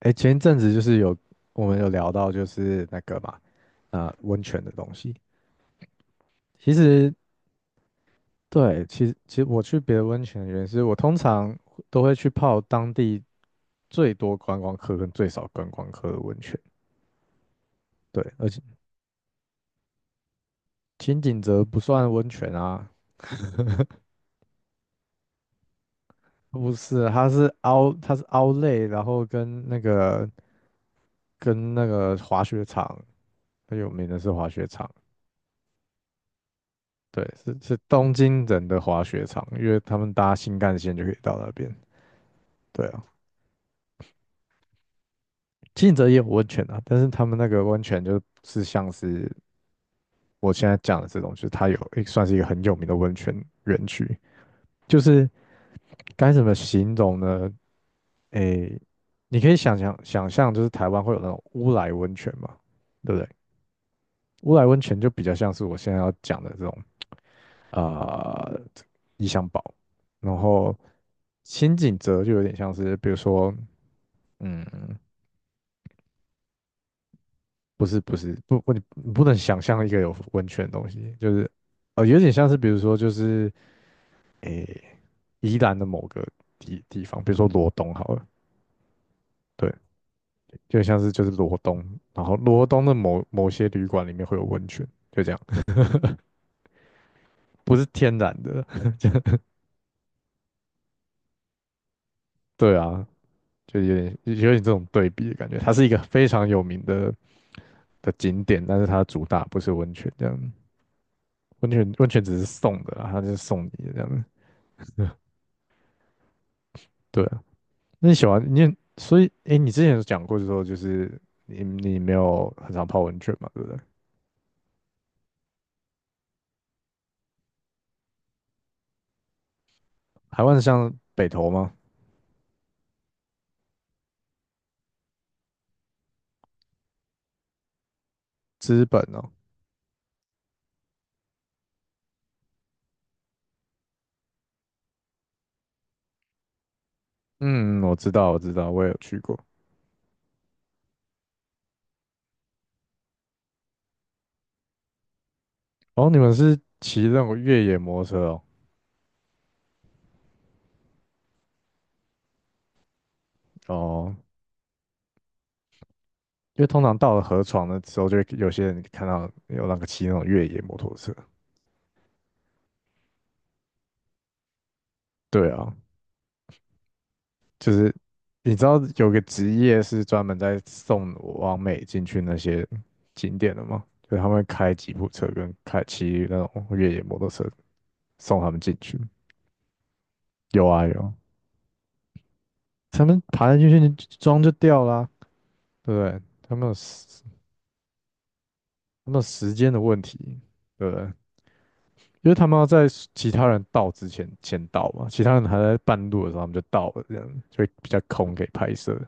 哎，前一阵子就是有我们聊到就是那个嘛，温泉的东西。其实对，其实我去别的温泉的原因是我通常都会去泡当地最多观光客跟最少观光客的温泉。对，而且金景泽不算温泉啊，不是，它是凹类，然后跟那个滑雪场，它有名的是滑雪场。对，是东京人的滑雪场，因为他们搭新干线就可以到那边。对啊，经营者也有温泉啊，但是他们那个温泉就是像是我现在讲的这种，就是它有算是一个很有名的温泉园区，就是该怎么形容呢？诶，你可以想象，就是台湾会有那种乌来温泉嘛，对不对？乌来温泉就比较像是我现在要讲的这种呃意象堡，然后新井泽就有点像是，比如说嗯。不是不是不不，你不能想象一个有温泉的东西，就是有点像是比如说就是诶、宜兰的某个地方，比如说罗东好了，对，就是罗东，然后罗东的某些旅馆里面会有温泉，就这样，不是天然的，对啊，就有点有点这种对比的感觉，它是一个非常有名的景点，但是它主打不是温泉这样，温泉只是送的啊它就是送你的这样，对啊那你喜欢你也所以诶，你之前有讲过就说，就是你没有很常泡温泉嘛，对不对？台湾像北投吗？资本哦，嗯，我知道，我知道，我也有去过。哦，你们是骑那种越野摩托车哦，哦，因为通常到了河床的时候，就会有些人看到有那个骑那种越野摩托车。对啊，就是你知道有个职业是专门在送往美进去那些景点的吗？就是他们会开吉普车跟骑那种越野摩托车送他们进去。有啊，他们爬进去装就掉啦、对不对？他们有时间的问题，对不对？因为他们要在其他人到之前先到嘛，其他人还在半路的时候他们就到了，这样就会比较空给拍摄，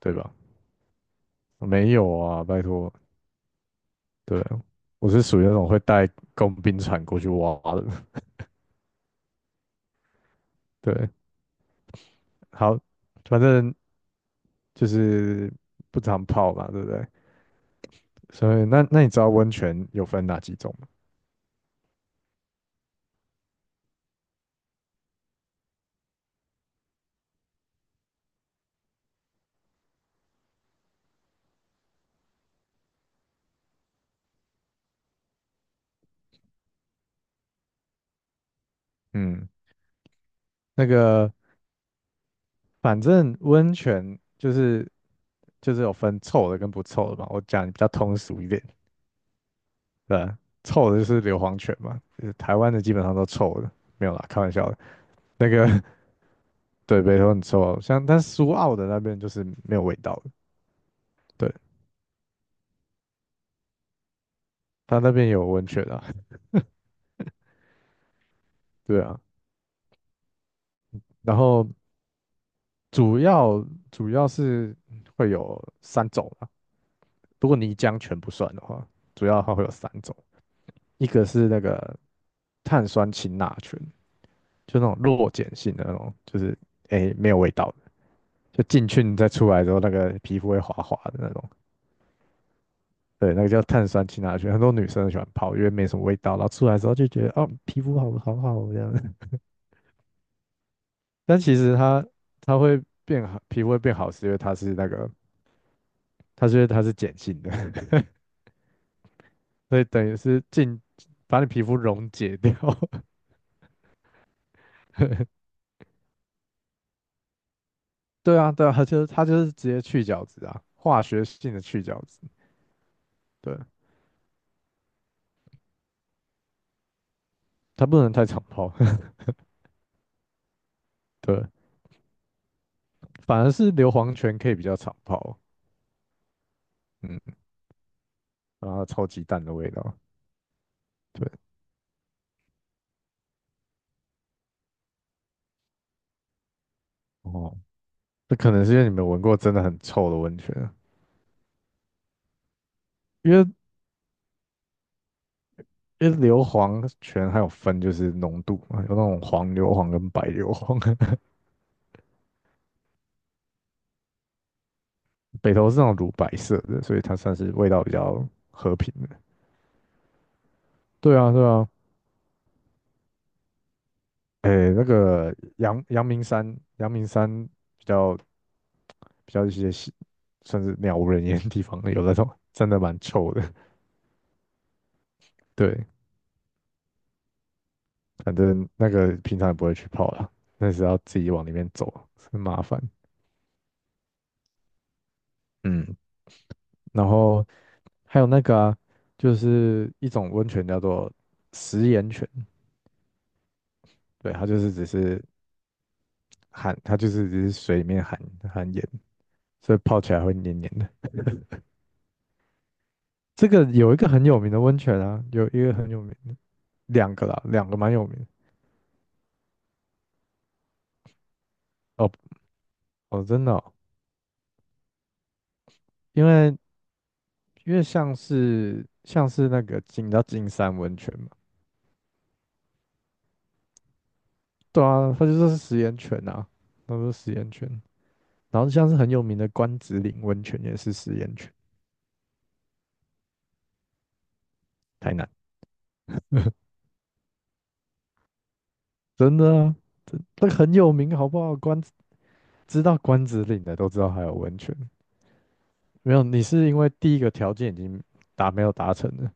对吧？没有啊，拜托，对，我是属于那种会带工兵铲过去挖的。对，好，反正就是不常泡嘛，对不对？所以那你知道温泉有分哪几种吗？嗯，那个反正温泉就是有分臭的跟不臭的嘛。我讲比较通俗一点，对啊臭的就是硫磺泉嘛，就是台湾的基本上都臭的，没有啦，开玩笑的。那个 对，北投很臭啊像但苏澳的那边就是没有味道的，对，它那边有温泉啊。对啊，然后主要主要是会有三种啊，如果泥浆全不算的话，主要它会有三种，一个是那个碳酸氢钠醛，就那种弱碱性的那种，就是没有味道的，就进去你再出来之后，那个皮肤会滑滑的那种。对，那个叫碳酸氢钠醛，很多女生喜欢泡，因为没什么味道，然后出来之后就觉得哦，皮肤好好好哦这样。但其实它会变好，皮肤会变好，是因为它是那个，因为它是碱性的，所以等于是进把你皮肤溶解掉。对啊，对啊，它就是直接去角质啊，化学性的去角质。对，它不能太常泡。对，反而是硫磺泉可以比较常泡。嗯，然后超级淡的味道。对，哦，这可能是因为你没闻过真的很臭的温泉啊，因为因为硫磺泉还有分就是浓度嘛，有那种黄硫磺跟白硫磺，北投是那种乳白色的，所以它算是味道比较和平的。对啊，对啊，诶，那个阳明山，阳明山比较比较一些是算是鸟无人烟的地方，有那种真的蛮臭的。对，反正那个平常也不会去泡啦，那是要自己往里面走，很麻烦。嗯，然后还有那个啊，就是一种温泉叫做食盐泉，对，它就是只是含，它就是只是水里面含盐，所以泡起来会黏黏的。这个有一个很有名的温泉啊，有一个很有名。两个啦，两个蛮有名哦哦，真的哦，因为因为像是那个金，叫知道金山温泉嘛？对啊，它就说是食盐泉啊，他说食盐泉。然后像是很有名的关子岭温泉也是食盐泉，台南真的啊，这个很有名好不好？知道关子岭的都知道还有温泉，没有你是因为第一个条件已经没有达成了，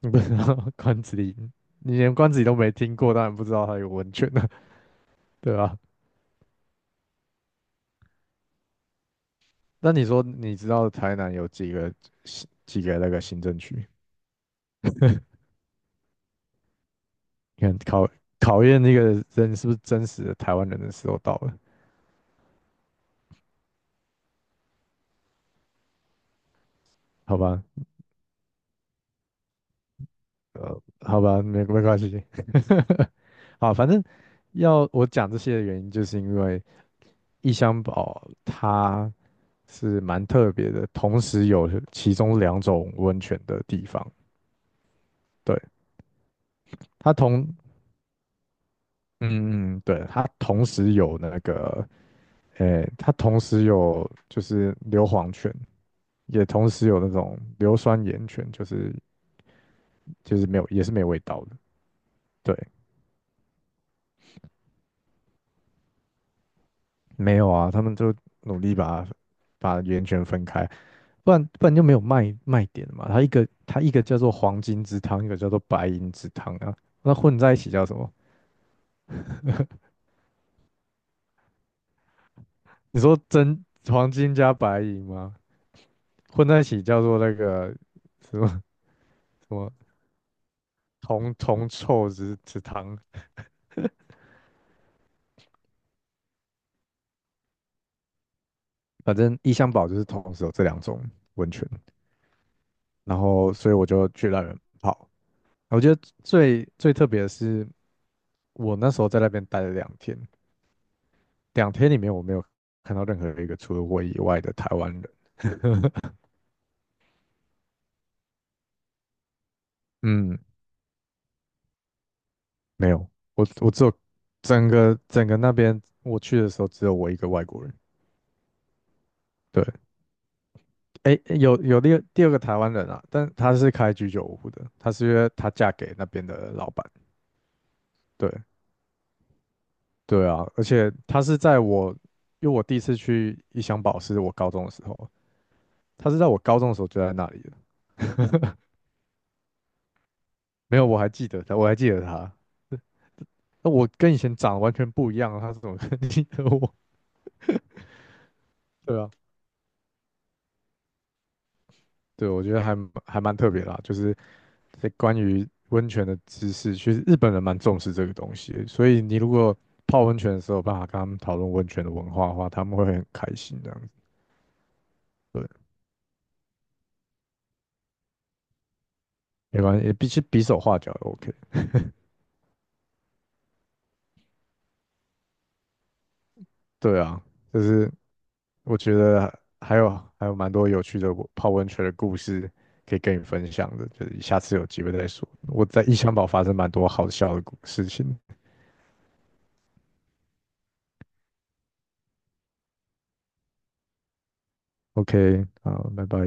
你不知道 关子岭，你连关子岭都没听过，当然不知道它有温泉了，对吧、那你说你知道台南有几个行几个那个行政区？你看考验那个人是不是真实的台湾人的时候到了，好吧，好吧，没关系，好，反正要我讲这些的原因，就是因为异乡堡它是蛮特别的，同时有其中两种温泉的地方，对，它同嗯，嗯，嗯对，它同时有那个，诶，它同时有就是硫磺泉。也同时有那种硫酸盐泉，就是就是没有也是没有味道的。对，没有啊，他们就努力把盐泉分开，不然就没有卖点嘛。它一个叫做黄金之汤，一个叫做白银之汤啊，那混在一起叫什么？你说真黄金加白银吗？混在一起叫做那个什么什么铜臭之汤，反正异箱宝就是同时有这两种温泉，然后所以我就去让人泡。我觉得最特别的是，我那时候在那边待了两天，两天里面我没有看到任何一个除了我以外的台湾人。嗯，没有，我我只有整个那边我去的时候只有我一个外国人。对，诶，有第二个台湾人啊，但他是开居酒屋的，他是因为他嫁给那边的老板。对对啊，而且他是在我，因为我第一次去一箱宝是我高中的时候，他是在我高中的时候就在那里的。没有，我还记得他，我还记得他。那我跟以前长得完全不一样啊，他怎么可能记得我？对啊，对，我觉得还蛮特别啦，就是在关于温泉的知识，其实日本人蛮重视这个东西的所以你如果泡温泉的时候有办法跟他们讨论温泉的文化的话，他们会很开心这样子。对，没关系，比起比手画脚也 OK。对啊，就是我觉得还有还有蛮多有趣的我泡温泉的故事可以跟你分享的，就是下次有机会再说。我在异乡堡发生蛮多好笑的故事情。OK，好，拜拜。